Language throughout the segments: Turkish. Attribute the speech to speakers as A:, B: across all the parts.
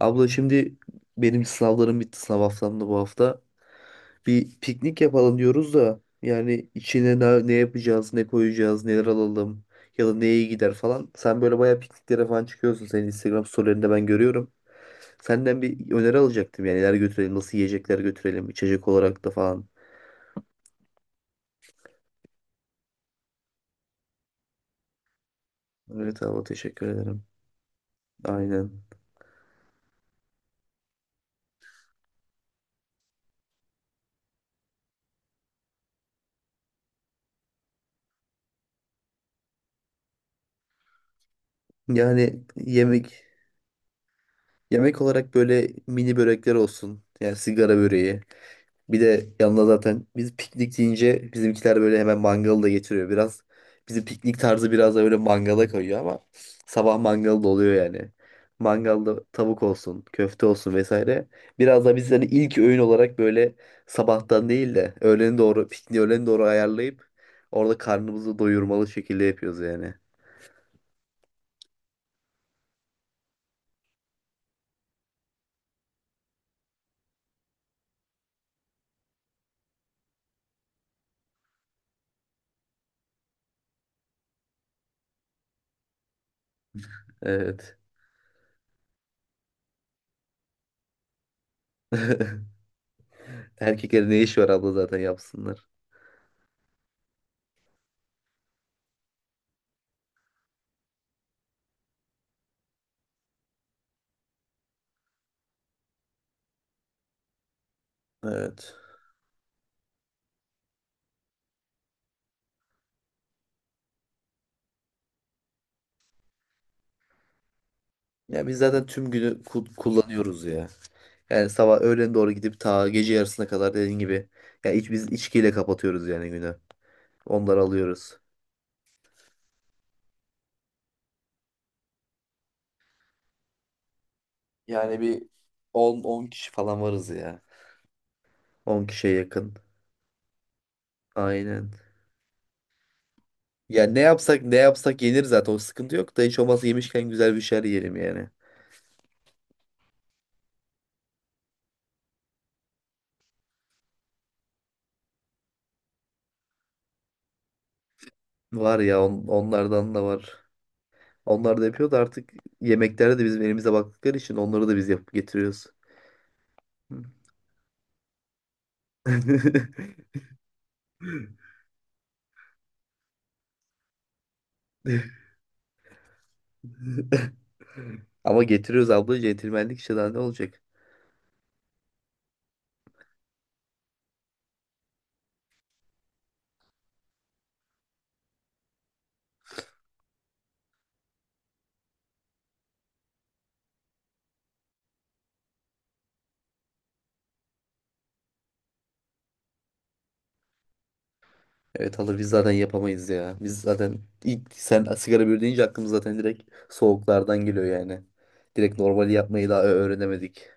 A: Abla şimdi benim sınavlarım bitti. Sınav haftam da bu hafta. Bir piknik yapalım diyoruz da yani içine ne yapacağız, ne koyacağız, neler alalım ya da neye iyi gider falan. Sen böyle bayağı pikniklere falan çıkıyorsun. Senin Instagram storylerinde ben görüyorum. Senden bir öneri alacaktım yani neler götürelim, nasıl yiyecekler götürelim, içecek olarak da falan. Evet abla, teşekkür ederim. Aynen. Yani yemek olarak böyle mini börekler olsun. Yani sigara böreği. Bir de yanına zaten biz piknik deyince bizimkiler böyle hemen mangalı da getiriyor biraz. Bizim piknik tarzı biraz da böyle mangala kayıyor ama sabah mangalı da oluyor yani. Mangalda tavuk olsun, köfte olsun vesaire. Biraz da biz hani ilk öğün olarak böyle sabahtan değil de öğlene doğru, pikniği öğlene doğru ayarlayıp orada karnımızı doyurmalı şekilde yapıyoruz yani. Evet. Erkeklerin ne iş var abla, zaten yapsınlar. Evet. Ya biz zaten tüm günü kullanıyoruz ya. Yani sabah öğlen doğru gidip ta gece yarısına kadar dediğin gibi. Ya biz içkiyle kapatıyoruz yani günü. Onları alıyoruz. Yani bir on kişi falan varız ya. 10 kişiye yakın. Aynen. Ya ne yapsak ne yapsak yenir zaten, o sıkıntı yok da hiç olmazsa yemişken güzel bir şeyler yiyelim yani. Var ya onlardan da var. Onlar da yapıyor da artık yemeklerde de bizim elimize baktıkları için onları da biz yapıp getiriyoruz. Ama getiriyoruz abla, centilmenlik işte, daha ne olacak? Evet alır, biz zaten yapamayız ya. Biz zaten ilk sen sigara bir deyince aklımız zaten direkt soğuklardan geliyor yani. Direkt normali yapmayı daha öğrenemedik.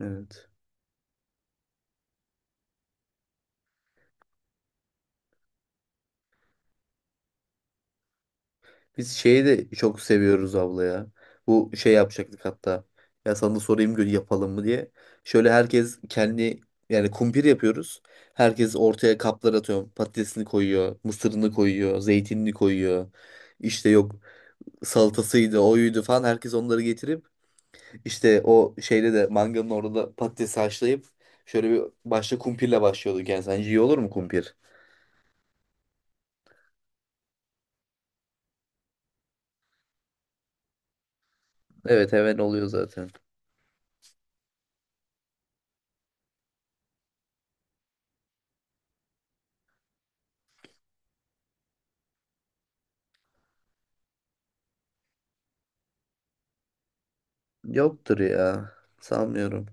A: Evet. Biz şeyi de çok seviyoruz abla ya. Bu şey yapacaktık hatta. Ya sana da sorayım yapalım mı diye. Şöyle herkes kendi, yani kumpir yapıyoruz. Herkes ortaya kaplar atıyor. Patatesini koyuyor, mısırını koyuyor, zeytinini koyuyor. İşte yok salatasıydı, oyuydu falan. Herkes onları getirip, İşte o şeyde de manganın orada patatesi haşlayıp şöyle bir başta kumpirle başlıyorduk yani. Sence iyi olur mu kumpir? Evet hemen oluyor zaten. Yoktur ya. Sanmıyorum.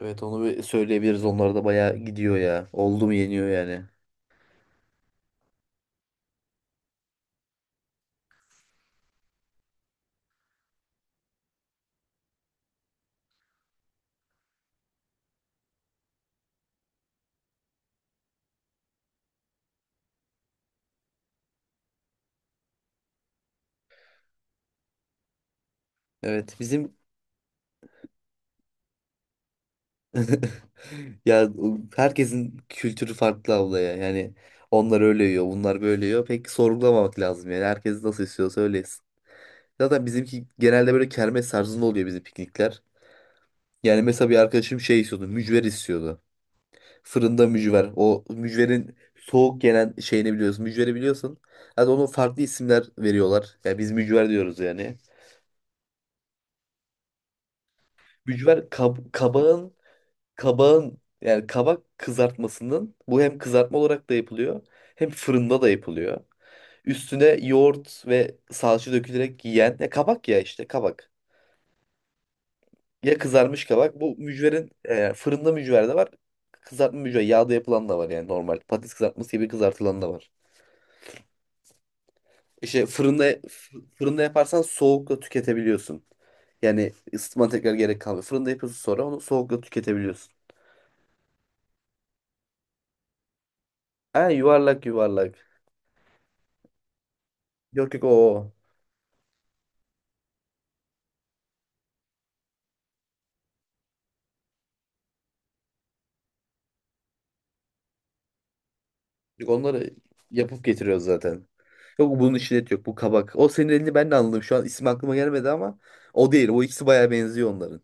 A: Evet onu bir söyleyebiliriz. Onlar da bayağı gidiyor ya. Oldu mu yeniyor yani. Evet bizim. Ya, herkesin kültürü farklı abla ya. Yani onlar öyle yiyor, bunlar böyle yiyor. Pek sorgulamamak lazım yani. Herkes nasıl istiyorsa öyle yesin. Zaten bizimki genelde böyle kermes tarzında oluyor, bizim piknikler. Yani mesela bir arkadaşım şey istiyordu. Mücver istiyordu. Fırında mücver. O mücverin soğuk gelen şeyini biliyorsun. Mücveri biliyorsun. Hadi onun farklı isimler veriyorlar. Yani biz mücver diyoruz yani. Mücver kabağın yani kabak kızartmasının, bu hem kızartma olarak da yapılıyor hem fırında da yapılıyor. Üstüne yoğurt ve salça dökülerek yiyen ya kabak ya işte kabak. Ya kızarmış kabak. Bu mücverin fırında mücver de var. Kızartma mücver. Yağda yapılan da var yani normal. Patates kızartması gibi kızartılan da var. İşte fırında fırında yaparsan soğukla tüketebiliyorsun. Yani ısıtma tekrar gerek kalmıyor. Fırında yapıyorsun sonra onu soğukla tüketebiliyorsun. Ha, yuvarlak yuvarlak. Yok yok o. Yok, onları yapıp getiriyoruz zaten. Yok, bunun içinde et yok, bu kabak. O senin elini ben de anladım. Şu an isim aklıma gelmedi ama o değil. O ikisi bayağı benziyor onların.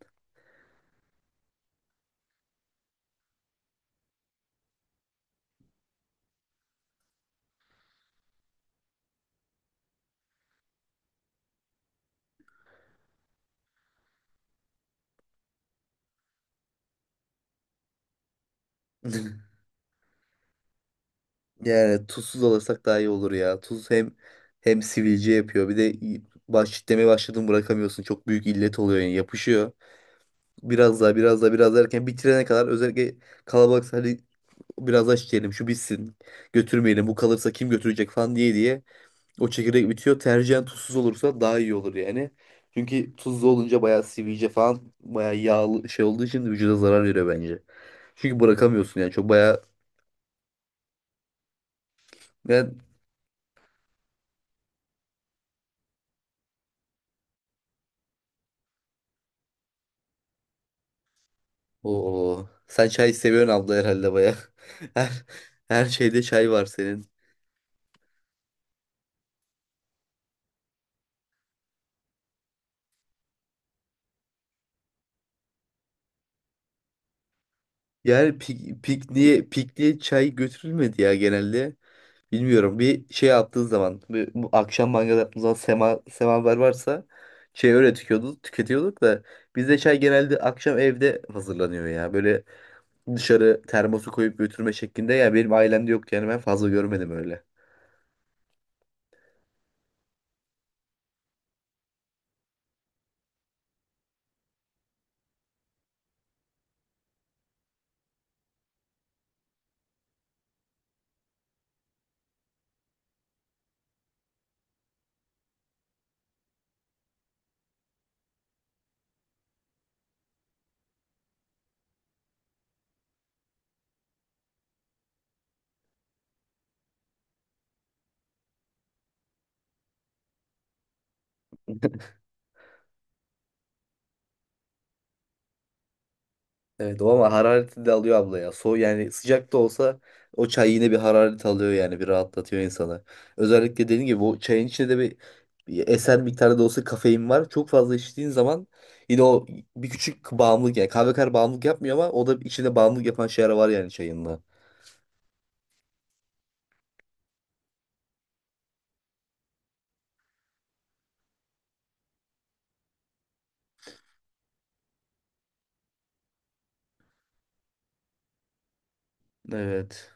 A: Yani tuzsuz alırsak daha iyi olur ya. Tuz hem hem sivilce yapıyor. Bir de demeye başladın, bırakamıyorsun. Çok büyük illet oluyor yani, yapışıyor. Biraz daha erken bitirene kadar özellikle kalabalıksa, hadi biraz daha içelim şu bitsin. Götürmeyelim, bu kalırsa kim götürecek falan diye diye. O çekirdek bitiyor. Tercihen tuzsuz olursa daha iyi olur yani. Çünkü tuzlu olunca bayağı sivilce falan, bayağı yağlı şey olduğu için vücuda zarar veriyor bence. Çünkü bırakamıyorsun yani, çok bayağı yani. Oo, sen çay seviyorsun abla herhalde, baya. Her, her şeyde çay var senin. Yani pikniğe çay götürülmedi ya genelde. Bilmiyorum, bir şey yaptığın zaman bu akşam mangal yaptığımız zaman semaver varsa şey, öyle tüketiyorduk, da bizde çay genelde akşam evde hazırlanıyor ya. Böyle dışarı termosu koyup götürme şeklinde ya benim ailemde yok yani, ben fazla görmedim öyle. Evet, o ama harareti de alıyor abla ya. So yani sıcak da olsa o çay yine bir hararet alıyor yani, bir rahatlatıyor insanı. Özellikle dediğim gibi bu çayın içinde de bir eser miktarda da olsa kafein var. Çok fazla içtiğin zaman yine o bir küçük bağımlılık yani, kahve kadar bağımlılık yapmıyor ama o da içinde bağımlılık yapan şeyler var yani çayında. Evet.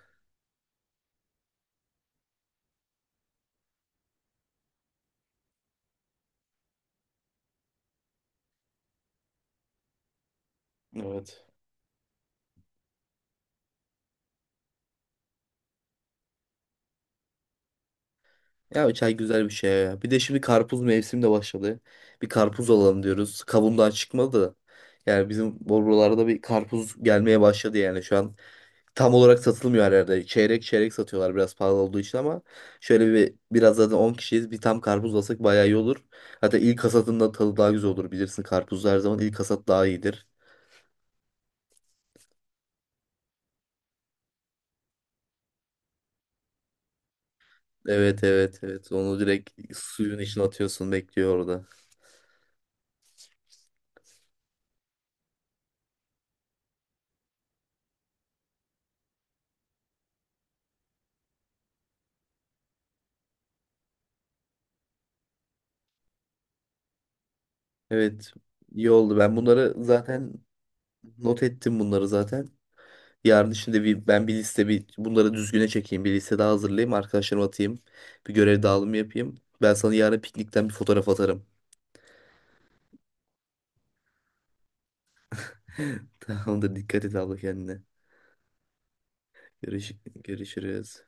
A: Evet. Ya çay güzel bir şey ya. Bir de şimdi karpuz mevsimi de başladı. Bir karpuz alalım diyoruz. Kabuğundan çıkmadı da. Yani bizim buralarda bir karpuz gelmeye başladı yani şu an, tam olarak satılmıyor her yerde. Çeyrek çeyrek satıyorlar biraz pahalı olduğu için ama şöyle bir biraz, zaten 10 kişiyiz. Bir tam karpuz alsak bayağı iyi olur. Hatta ilk hasatında tadı daha güzel olur, bilirsin. Karpuzda her zaman ilk hasat daha iyidir. Evet evet evet. Onu direkt suyun içine atıyorsun, bekliyor orada. Evet, iyi oldu. Ben bunları zaten not ettim, bunları zaten. Yarın şimdi ben bir liste bunları düzgüne çekeyim. Bir liste daha hazırlayayım. Arkadaşlarıma atayım. Bir görev dağılımı yapayım. Ben sana yarın piknikten bir fotoğraf atarım. Tamamdır. Dikkat et abla kendine. Görüş görüşürüz.